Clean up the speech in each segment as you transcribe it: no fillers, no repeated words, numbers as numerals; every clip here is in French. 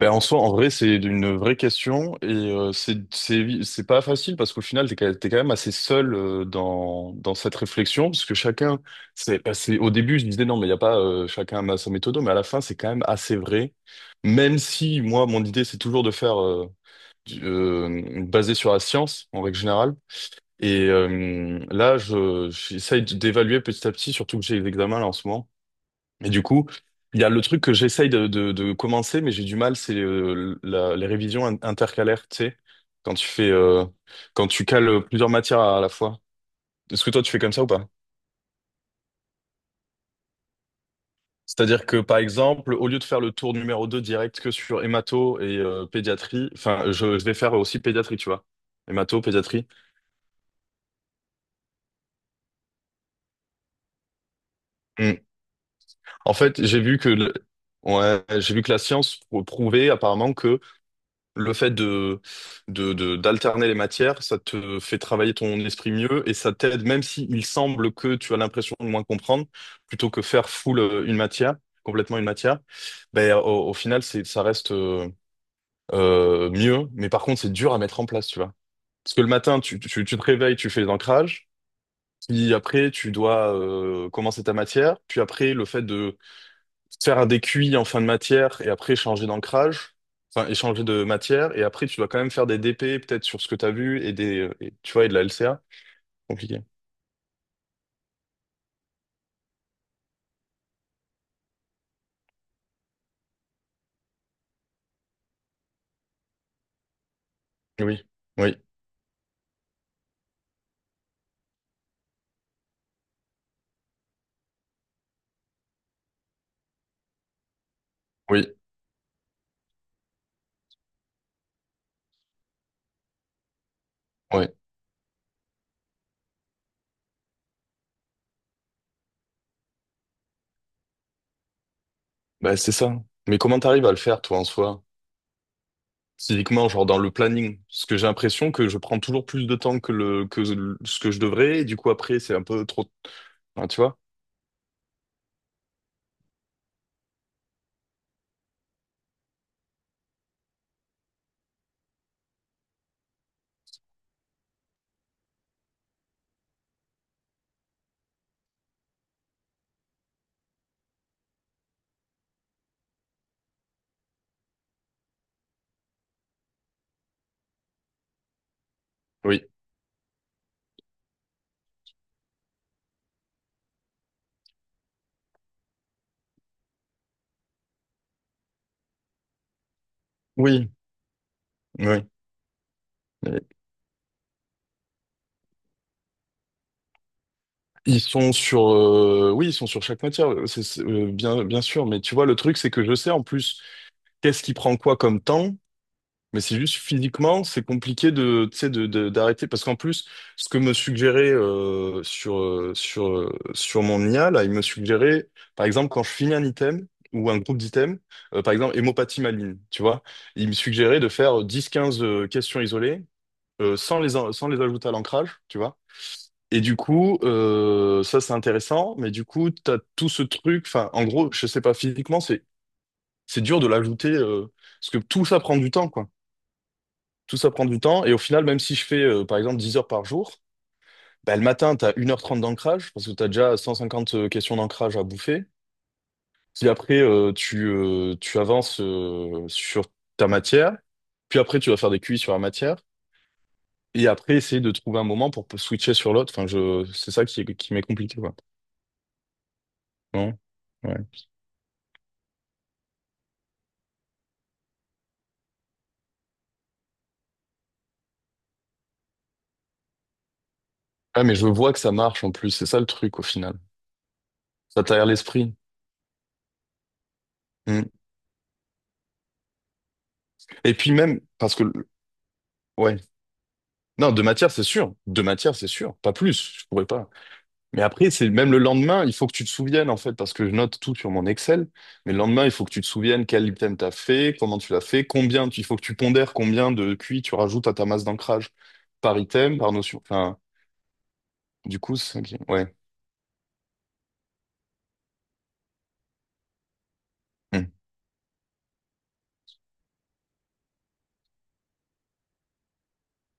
Ben, en soi, en vrai, c'est une vraie question et c'est pas facile parce qu'au final, t'es quand même assez seul dans cette réflexion parce que chacun, au début, je me disais non, mais il y a pas chacun a sa méthode, mais à la fin, c'est quand même assez vrai. Même si moi, mon idée, c'est toujours de faire basé sur la science en règle générale. Et là, je j'essaye d'évaluer petit à petit, surtout que j'ai les examens là en ce moment. Et du coup, il y a le truc que j'essaye de commencer, mais j'ai du mal, c'est les révisions intercalaires, tu sais, quand tu fais, euh, quand tu cales plusieurs matières à la fois. Est-ce que toi, tu fais comme ça ou pas? C'est-à-dire que, par exemple, au lieu de faire le tour numéro 2 direct que sur hémato et pédiatrie, enfin, je vais faire aussi pédiatrie, tu vois. Hémato, pédiatrie. Mm. En fait, j'ai vu que la science prouvait apparemment que le fait d'alterner les matières, ça te fait travailler ton esprit mieux et ça t'aide, même si il semble que tu as l'impression de moins comprendre, plutôt que faire full une matière, complètement une matière, ben, au final, ça reste mieux. Mais par contre, c'est dur à mettre en place, tu vois. Parce que le matin, tu te réveilles, tu fais l'ancrage, puis après, tu dois commencer ta matière, puis après, le fait de faire un décuit en fin de matière et après changer d'ancrage, enfin échanger de matière, et après tu dois quand même faire des DP peut-être sur ce que tu as vu et des tu vois et de la LCA. Compliqué. Oui, oui, oui, ouais. Bah c'est ça. Mais comment t'arrives à le faire toi en soi? Physiquement, genre dans le planning. Parce que j'ai l'impression que je prends toujours plus de temps que ce que je devrais, et du coup après c'est un peu trop. Enfin, tu vois? Oui. Oui, oui. Oui, ils sont sur chaque matière, bien sûr. Mais tu vois, le truc, c'est que je sais en plus qu'est-ce qui prend quoi comme temps. Mais c'est juste physiquement, c'est compliqué de, tu sais, d'arrêter. Parce qu'en plus, ce que me suggérait sur mon IA, là, il me suggérait, par exemple, quand je finis un item ou un groupe d'items, par exemple, hémopathie maligne, tu vois, il me suggérait de faire 10, 15 questions isolées sans les ajouter à l'ancrage, tu vois. Et du coup, ça c'est intéressant, mais du coup, t'as tout ce truc, enfin, en gros, je sais pas, physiquement, c'est dur de l'ajouter, parce que tout ça prend du temps, quoi. Tout ça prend du temps, et au final, même si je fais, par exemple, 10 heures par jour, bah, le matin, t'as 1h30 d'ancrage, parce que tu as déjà 150 questions d'ancrage à bouffer. Puis après, tu avances sur ta matière, puis après, tu vas faire des QI sur la matière, et après, essayer de trouver un moment pour switcher sur l'autre. Enfin, c'est ça qui m'est compliqué, quoi. Non? Ouais. Ah, mais je vois que ça marche en plus, c'est ça le truc au final. Ça t'aère l'esprit. Mm. Et puis même, parce que, ouais. Non, de matière, c'est sûr. De matière, c'est sûr. Pas plus, je pourrais pas. Mais après, c'est même le lendemain, il faut que tu te souviennes, en fait, parce que je note tout sur mon Excel. Mais le lendemain, il faut que tu te souviennes quel item t'as fait, comment tu l'as fait, il faut que tu pondères combien de QI tu rajoutes à ta masse d'ancrage par item, par notion. Enfin, du coup, c'est ça ouais. Mm.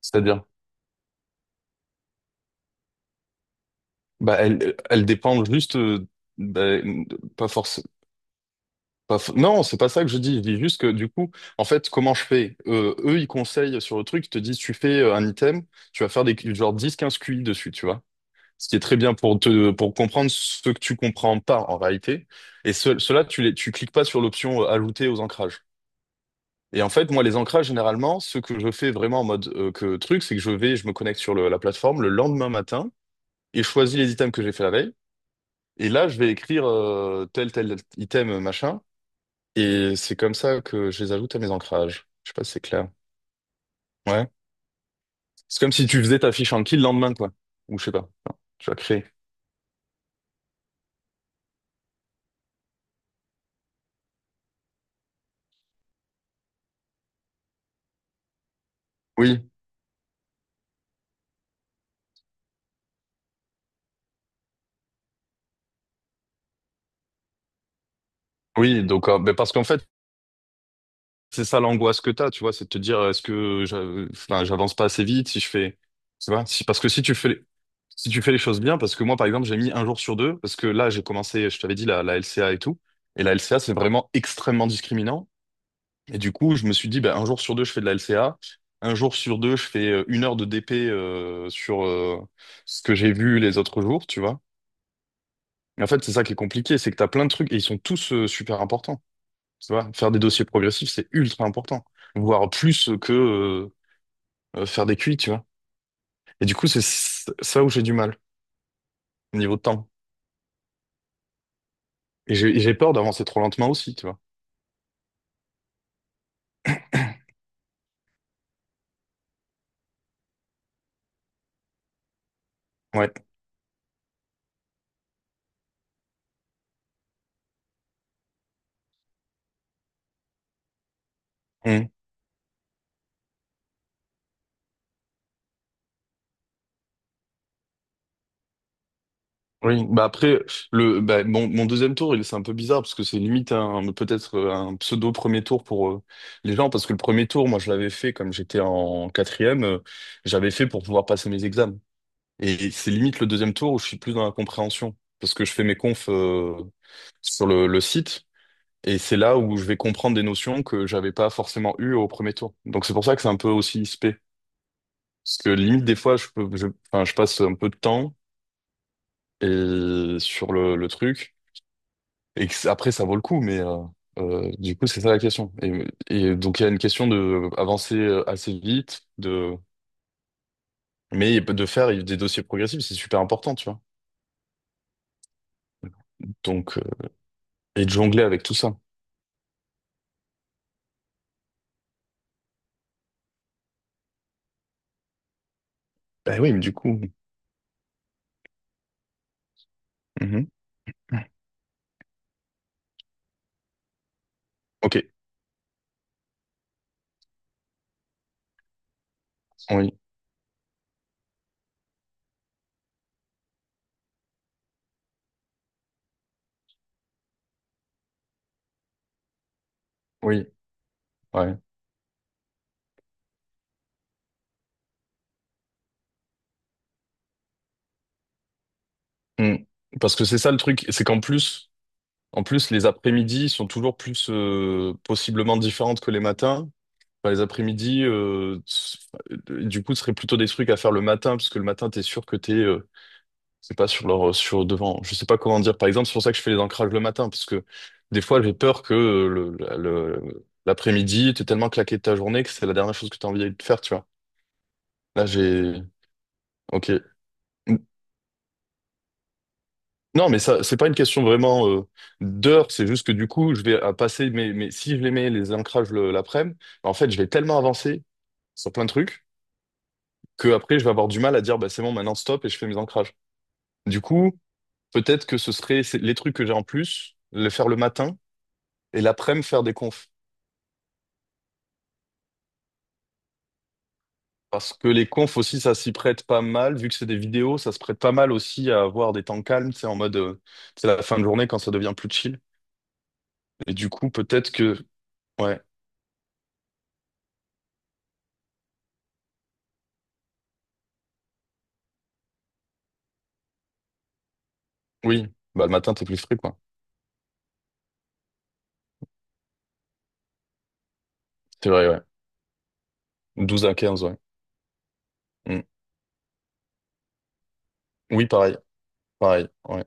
C'est-à-dire, bah, elle dépend juste, bah, pas forcément. Pas f- Non, c'est pas ça que je dis. Je dis juste que du coup, en fait, comment je fais? Eux, ils conseillent sur le truc, ils te disent, tu fais un item, tu vas faire des genre 10-15 QI dessus, tu vois. Ce qui est très bien pour te pour comprendre ce que tu comprends pas en réalité. Et cela, tu cliques pas sur l'option ajouter aux ancrages. Et en fait, moi, les ancrages, généralement, ce que je fais vraiment en mode que truc, c'est que je me connecte sur la plateforme le lendemain matin et je choisis les items que j'ai fait la veille. Et là, je vais écrire tel item machin. Et c'est comme ça que je les ajoute à mes ancrages. Je sais pas si c'est clair. Ouais. C'est comme si tu faisais ta fiche Anki le lendemain, quoi. Ou je sais pas. Enfin, tu vas créer. Oui. Oui, donc, mais parce qu'en fait, c'est ça l'angoisse que t'as, tu vois, c'est de te dire, est-ce que enfin, j'avance pas assez vite si je fais, tu vois, si, parce que si tu fais, les- si tu fais les choses bien, parce que moi, par exemple, j'ai mis un jour sur deux, parce que là, j'ai commencé, je t'avais dit, la LCA et tout, et la LCA, c'est vraiment extrêmement discriminant, et du coup, je me suis dit, bah, un jour sur deux, je fais de la LCA. Un jour sur deux, je fais 1 heure de DP sur ce que j'ai vu les autres jours, tu vois. Et en fait, c'est ça qui est compliqué, c'est que tu as plein de trucs et ils sont tous super importants. Tu vois, faire des dossiers progressifs, c'est ultra important, voire plus que faire des QI, tu vois. Et du coup, ça où j'ai du mal, au niveau de temps. Et j'ai peur d'avancer trop lentement aussi, tu vois. Ouais. Mmh. Oui, bah après, bah, mon deuxième tour, il c'est un peu bizarre parce que c'est limite peut-être un pseudo premier tour pour les gens parce que le premier tour, moi, je l'avais fait comme j'étais en quatrième, j'avais fait pour pouvoir passer mes examens. Et c'est limite le deuxième tour où je suis plus dans la compréhension parce que je fais mes confs sur le site et c'est là où je vais comprendre des notions que j'avais pas forcément eues au premier tour. Donc c'est pour ça que c'est un peu aussi spé parce que limite des fois, enfin, je passe un peu de temps et sur le truc. Et que après, ça vaut le coup, mais du coup, c'est ça la question. Et donc, il y a une question de avancer assez vite, de mais de faire des dossiers progressifs, c'est super important, tu vois. Donc, et de jongler avec tout ça. Bah oui, mais du coup. Mhm. Ok, oui, oui, ouais. Mm. Parce que c'est ça le truc, c'est qu'en plus, en plus, les après-midi sont toujours plus possiblement différentes que les matins. Enfin, les après-midi, du coup, ce serait plutôt des trucs à faire le matin, parce que le matin, t'es sûr que t'es es C'est pas sur sur devant. Je sais pas comment dire. Par exemple, c'est pour ça que je fais les ancrages le matin, parce que des fois, j'ai peur que l'après-midi, t'es tellement claqué de ta journée que c'est la dernière chose que t'as envie de faire, tu vois. Là, ok. Non, mais ça, c'est pas une question vraiment d'heure. C'est juste que du coup, je vais à passer mes, mes, si je les mets les ancrages l'après-midi, en fait, je vais tellement avancer sur plein de trucs que après, je vais avoir du mal à dire, bah, c'est bon, maintenant stop et je fais mes ancrages. Du coup, peut-être que ce serait les trucs que j'ai en plus, les faire le matin. Et l'après-midi, faire des confs. Parce que les confs aussi, ça s'y prête pas mal. Vu que c'est des vidéos, ça se prête pas mal aussi à avoir des temps calmes. C'est la fin de journée quand ça devient plus chill. Et du coup, peut-être que, ouais, oui, bah, le matin, t'es plus frais, quoi. C'est vrai, ouais. 12 à 15, ouais. Mm. Oui, pareil, pareil, ouais.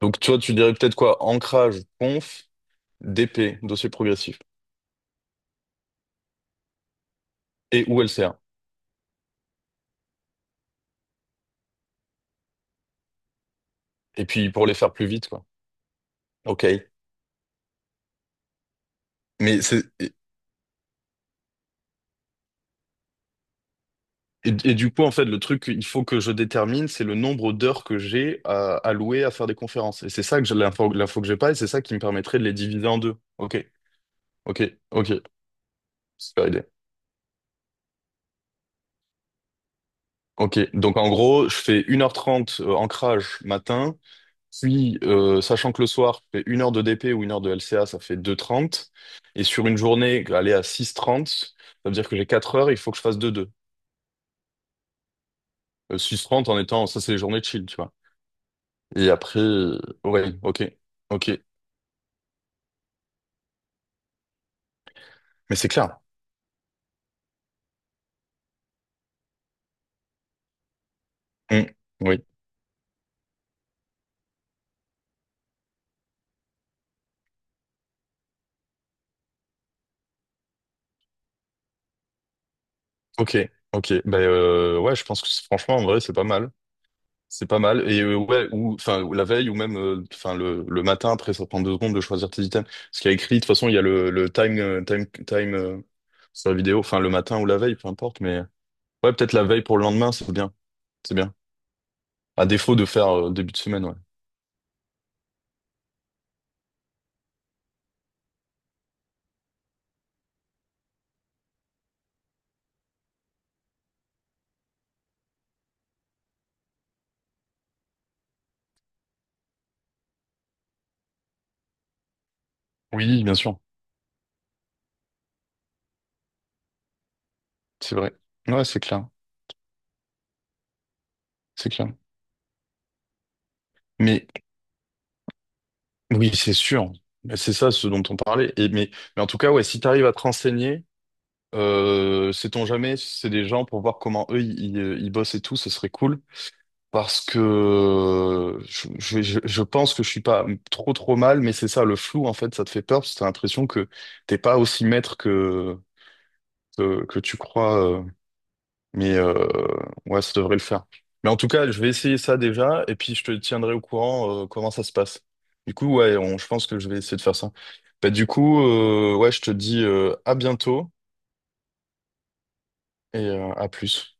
Donc, toi, tu dirais peut-être quoi? Ancrage, conf, DP, dossier progressif. Et ou LCA. Et puis, pour les faire plus vite, quoi. Ok. Mais c'est. Et du coup, en fait, le truc qu'il faut que je détermine, c'est le nombre d'heures que j'ai à allouer à faire des conférences. Et c'est ça que j'ai l'info, l'info que j'ai pas, et c'est ça qui me permettrait de les diviser en deux. Ok, ok, ok. Super idée. Ok, donc en gros, je fais 1h30 ancrage matin, puis sachant que le soir, je fais 1 heure de DP ou 1 heure de LCA, ça fait 2h30. Et sur une journée, aller à 6h30, ça veut dire que j'ai 4 heures, il faut que je fasse deux deux. 6 6h30 en étant, ça c'est les journées chill, tu vois. Et après, ouais, ok, ok. Mais c'est clair. Mm. Oui, ok, ok. Ben ouais, je pense que franchement, en vrai, c'est pas mal. C'est pas mal. Et ouais, ou enfin ou la veille ou même enfin le matin après, ça prend 2 secondes de choisir tes items. Parce qu'il y a écrit, de toute façon, il y a le time time sur la vidéo, enfin le matin ou la veille, peu importe. Mais ouais, peut-être la veille pour le lendemain, c'est bien, c'est bien. À défaut de faire début de semaine, ouais. Oui, bien sûr, c'est vrai. Ouais, c'est clair, c'est clair. Mais oui, c'est sûr. Mais c'est ça ce dont on parlait. Et mais en tout cas, ouais, si t'arrives à te renseigner. Sait-on jamais, si c'est des gens pour voir comment eux ils bossent et tout, ce serait cool. Parce que je pense que je suis pas trop trop mal, mais c'est ça, le flou en fait, ça te fait peur parce que t'as l'impression que t'es pas aussi maître que que tu crois. Mais, ouais, ça devrait le faire. Mais en tout cas, je vais essayer ça déjà et puis je te tiendrai au courant comment ça se passe. Du coup, ouais, je pense que je vais essayer de faire ça. Bah, du coup, ouais, je te dis à bientôt et à plus.